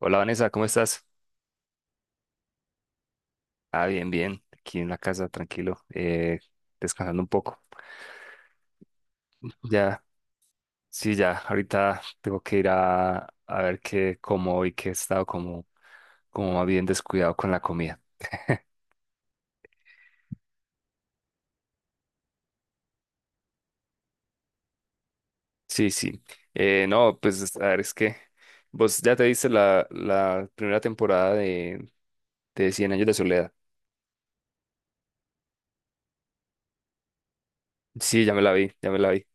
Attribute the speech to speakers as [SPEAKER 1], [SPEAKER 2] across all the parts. [SPEAKER 1] Hola Vanessa, ¿cómo estás? Ah, bien, bien, aquí en la casa, tranquilo, descansando un poco. Ya, sí, ya, ahorita tengo que ir a ver qué como hoy, que he estado como, como más bien descuidado con la comida. Sí, sí. No, pues a ver, es que vos ya te viste la primera temporada de Cien Años de Soledad. Sí, ya me la vi, ya me la vi.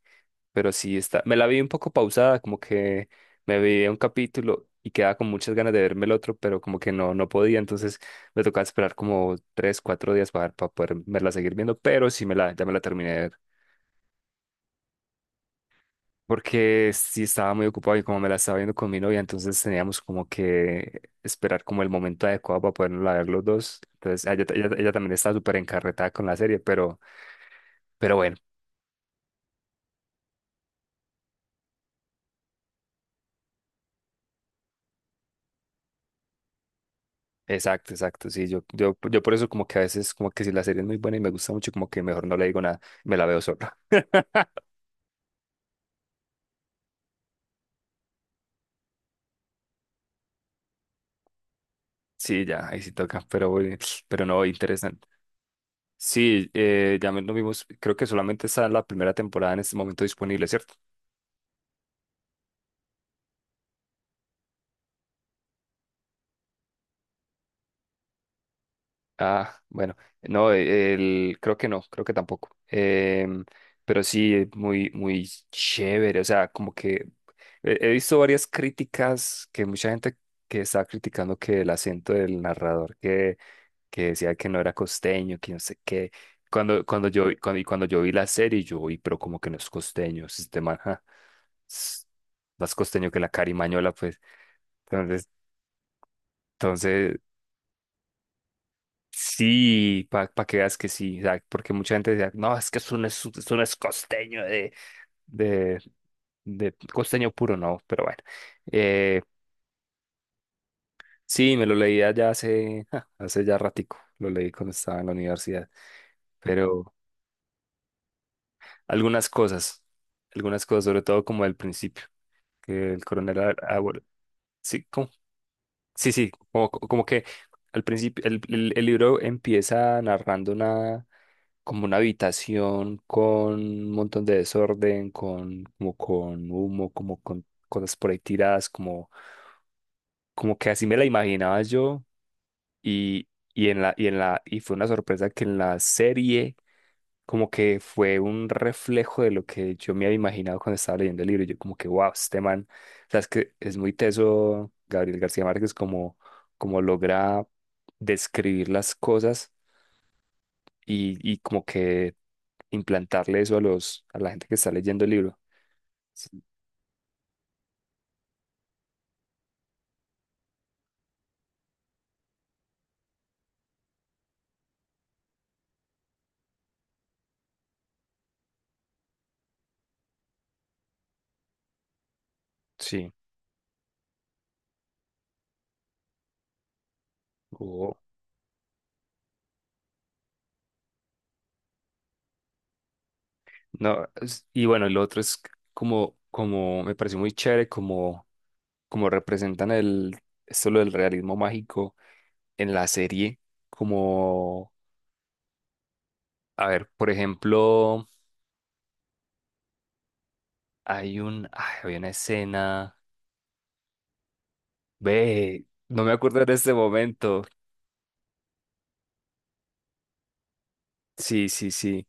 [SPEAKER 1] Pero sí está. Me la vi un poco pausada, como que me vi un capítulo y quedaba con muchas ganas de verme el otro, pero como que no, no podía, entonces me tocaba esperar como tres, cuatro días para poder verla seguir viendo, pero sí me la, ya me la terminé de ver. Porque sí estaba muy ocupado y como me la estaba viendo con mi novia, entonces teníamos como que esperar como el momento adecuado para poderla ver los dos. Entonces ella también estaba súper encarretada con la serie, pero bueno. Exacto, exacto. Sí, yo por eso como que a veces como que si la serie es muy buena y me gusta mucho, como que mejor no le digo nada, me la veo sola. Sí, ya, ahí sí toca, pero, bueno, pero no, interesante. Sí, ya me- lo vimos, creo que solamente está la primera temporada en este momento disponible, ¿cierto? Ah, bueno, no, e, el, creo que no, creo que tampoco. Pero sí, es muy, muy chévere. O sea, como que he, he visto varias críticas que mucha gente que estaba criticando que el acento del narrador que decía que no era costeño, que no sé qué. Cuando, cuando yo, vi- cuando, y cuando yo vi la serie, yo vi, pero como que no es costeño, es de Manja, más costeño que la carimañola, pues. Entonces, entonces, sí, para que veas que sí, o sea, porque mucha gente decía, no, es que eso no es costeño de, de costeño puro, no, pero bueno. Eh, sí, me lo leía ya hace, ja, hace ya ratico, lo leí cuando estaba en la universidad, pero algunas cosas, algunas cosas, sobre todo como el principio, que el coronel Abor, sí, ¿cómo? Sí, sí, como, como que al principio el libro empieza narrando una como una habitación con un montón de desorden, con como con humo, como con cosas por ahí tiradas, como como que así me la imaginaba yo y y en la y fue una sorpresa que en la serie como que fue un reflejo de lo que yo me había imaginado cuando estaba leyendo el libro. Yo como que, wow, este man, o sea, es que es muy teso Gabriel García Márquez como, como logra describir las cosas y como que implantarle eso a los, a la gente que está leyendo el libro. Sí. Sí. Oh. No, es- y bueno, el otro es como, como me pareció muy chévere, como, como representan el, esto lo del realismo mágico en la serie, como, a ver, por ejemplo, hay un, ay, había una escena, ve, no me acuerdo en este momento, sí, sí, sí,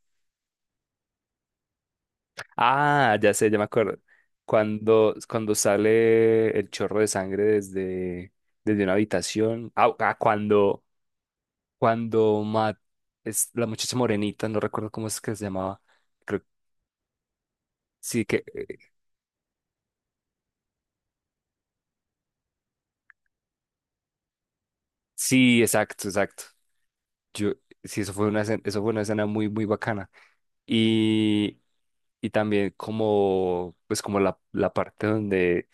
[SPEAKER 1] ah, ya sé, ya me acuerdo, cuando, cuando sale el chorro de sangre desde, desde una habitación, ah, ah, cuando, cuando Matt, es la muchacha morenita, no recuerdo cómo es que se llamaba, creo, sí, que, sí, exacto, exacto, yo, sí, eso fue una, escena- eso fue una escena muy, muy bacana. Y, y también como, pues como la parte donde,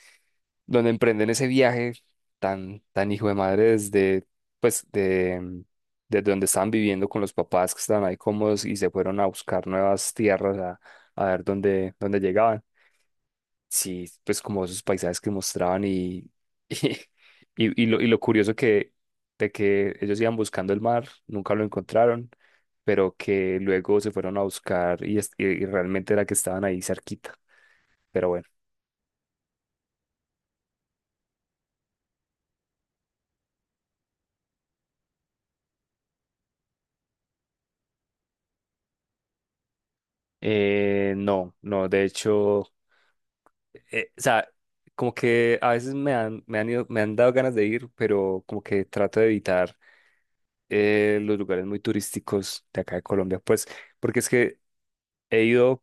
[SPEAKER 1] donde emprenden ese viaje tan, tan hijo de madre desde, pues de, desde donde estaban viviendo con los papás que estaban ahí cómodos y se fueron a buscar nuevas tierras a ver dónde, dónde llegaban. Sí, pues como esos paisajes que mostraban y, y lo curioso que de que ellos iban buscando el mar, nunca lo encontraron, pero que luego se fueron a buscar y, es- y realmente era que estaban ahí cerquita. Pero bueno, no, no, de hecho, o sea, como que a veces me han ido- me han dado ganas de ir, pero como que trato de evitar los lugares muy turísticos de acá de Colombia, pues, porque es que he ido,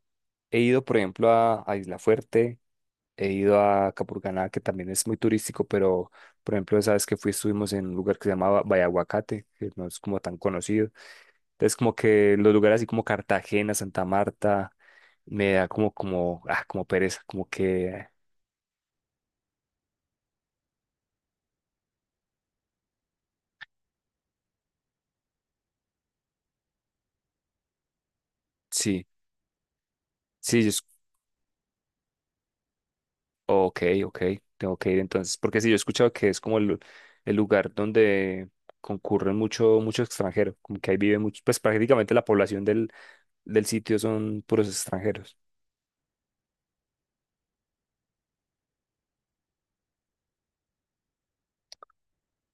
[SPEAKER 1] he ido, por ejemplo, a Isla Fuerte, he ido a Capurganá, que también es muy turístico, pero, por ejemplo, esa vez que fui estuvimos en un lugar que se llamaba Bayaguacate, que no es como tan conocido. Entonces, como que los lugares así como Cartagena, Santa Marta, me da como, como, ah, como pereza, como que, sí, sí, yo, es- ok, ok, tengo que ir entonces, porque sí, yo he escuchado que es como el lugar donde concurren mucho, mucho extranjero, como que ahí vive mucho, pues prácticamente la población del sitio son puros extranjeros.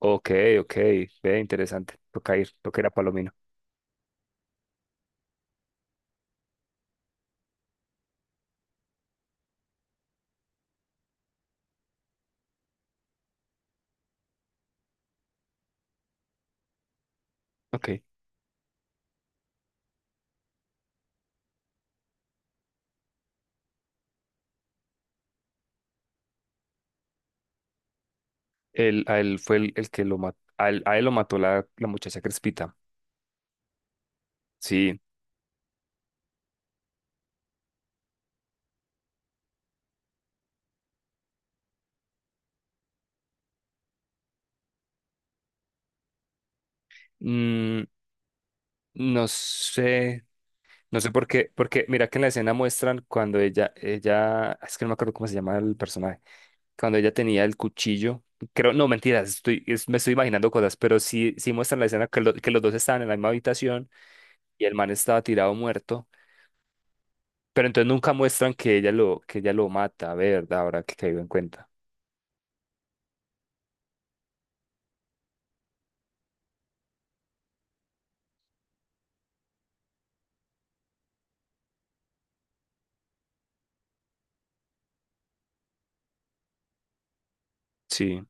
[SPEAKER 1] Ok, ok, ve, interesante. Toca ir a Palomino. Ok. Él, a él fue el que lo mató, a él lo mató la muchacha Crespita. Sí. Mm, no sé, no sé por qué, porque mira que en la escena muestran cuando es que no me acuerdo cómo se llama el personaje, cuando ella tenía el cuchillo. Creo, no, mentiras, estoy, es- me estoy imaginando cosas, pero sí, sí muestran la escena que, lo- que los dos estaban en la misma habitación y el man estaba tirado muerto. Pero entonces nunca muestran que ella lo mata, ¿verdad? Ahora que caigo en cuenta. Sí,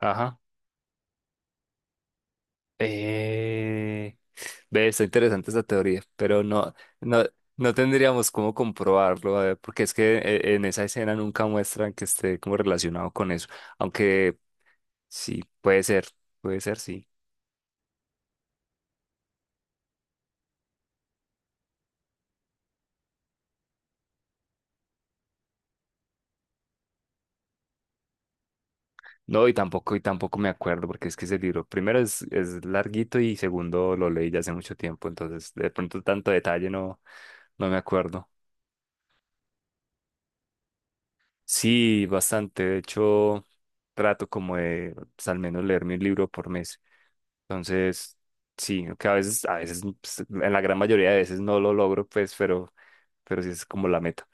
[SPEAKER 1] ajá. Eh... Ve, está interesante esa teoría, pero no, no, no tendríamos cómo comprobarlo, a ver, porque es que en esa escena nunca muestran que esté como relacionado con eso, aunque sí, puede ser, sí. No, y tampoco me acuerdo, porque es que ese libro, primero es larguito y segundo lo leí ya hace mucho tiempo, entonces de pronto tanto detalle no, no me acuerdo. Sí, bastante. De hecho, trato como de pues, al menos leerme un libro por mes. Entonces, sí, que a veces, pues, en la gran mayoría de veces no lo logro, pues, pero sí es como la meta.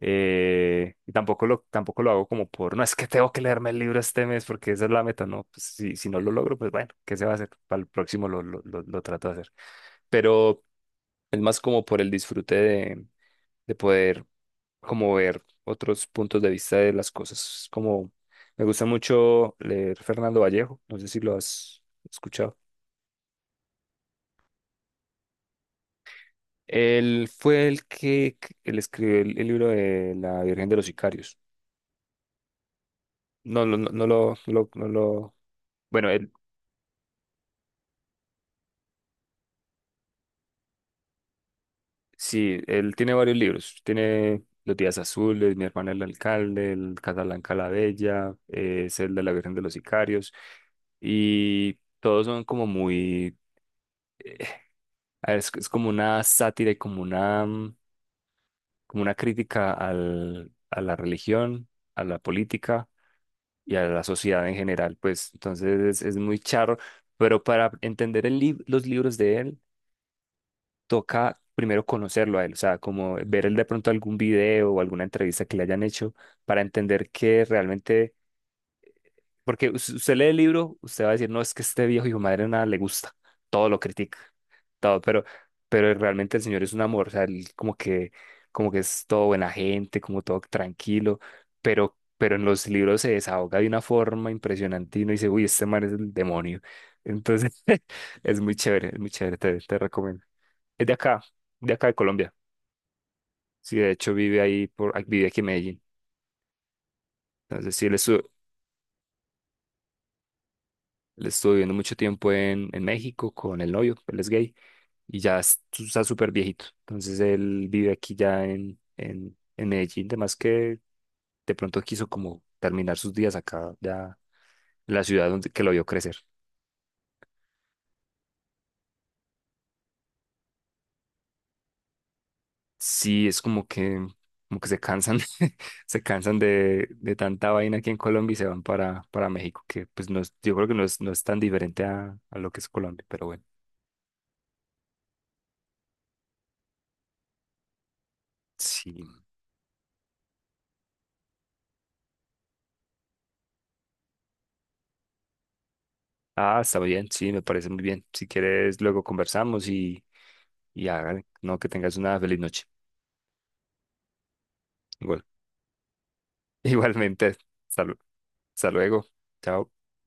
[SPEAKER 1] Y tampoco lo, tampoco lo hago como por, no, es que tengo que leerme el libro este mes porque esa es la meta, no, pues si, si no lo logro, pues bueno, ¿qué se va a hacer? Para el próximo lo trato de hacer. Pero es más como por el disfrute de poder como ver otros puntos de vista de las cosas. Como me gusta mucho leer Fernando Vallejo, no sé si lo has escuchado. Él fue el que- él escribió el libro de La Virgen de los Sicarios. No, lo- Bueno, él sí, él tiene varios libros. Tiene Los Días Azules, Mi hermana el alcalde, El Casablanca la Bella, es el de la Virgen de los Sicarios. Y todos son como muy eh, a ver, es como una sátira y como una, como una crítica al, a la religión, a la política y a la sociedad en general, pues entonces es muy charro, pero para entender el lib- los libros de él, toca primero conocerlo a él, o sea, como ver él de pronto algún video o alguna entrevista que le hayan hecho para entender que realmente porque us- usted lee el libro, usted va a decir, no, es que este viejo hijo de madre nada le gusta, todo lo critica, todo, pero realmente el Señor es un amor, o sea, él como que es todo buena gente, como todo tranquilo, pero en los libros se desahoga de una forma impresionante y uno dice, uy, este man es el demonio. Entonces, es muy chévere, te recomiendo. Es de acá, de acá de Colombia. Sí, de hecho vive ahí, por, vive aquí en Medellín. Entonces, sí, él estuvo viviendo mucho tiempo en México con el novio, él es gay. Y ya es- está súper viejito. Entonces él vive aquí ya en Medellín, además que de pronto quiso como terminar sus días acá, ya en la ciudad donde que lo vio crecer. Sí, es como que se cansan, se cansan de tanta vaina aquí en Colombia y se van para México, que pues no es- yo creo que no es, no es tan diferente a lo que es Colombia, pero bueno, sí. Ah, está bien, sí, me parece muy bien. Si quieres, luego conversamos y hagan, no, que tengas una feliz noche. Igual. Igualmente, salud. Hasta luego. Chao.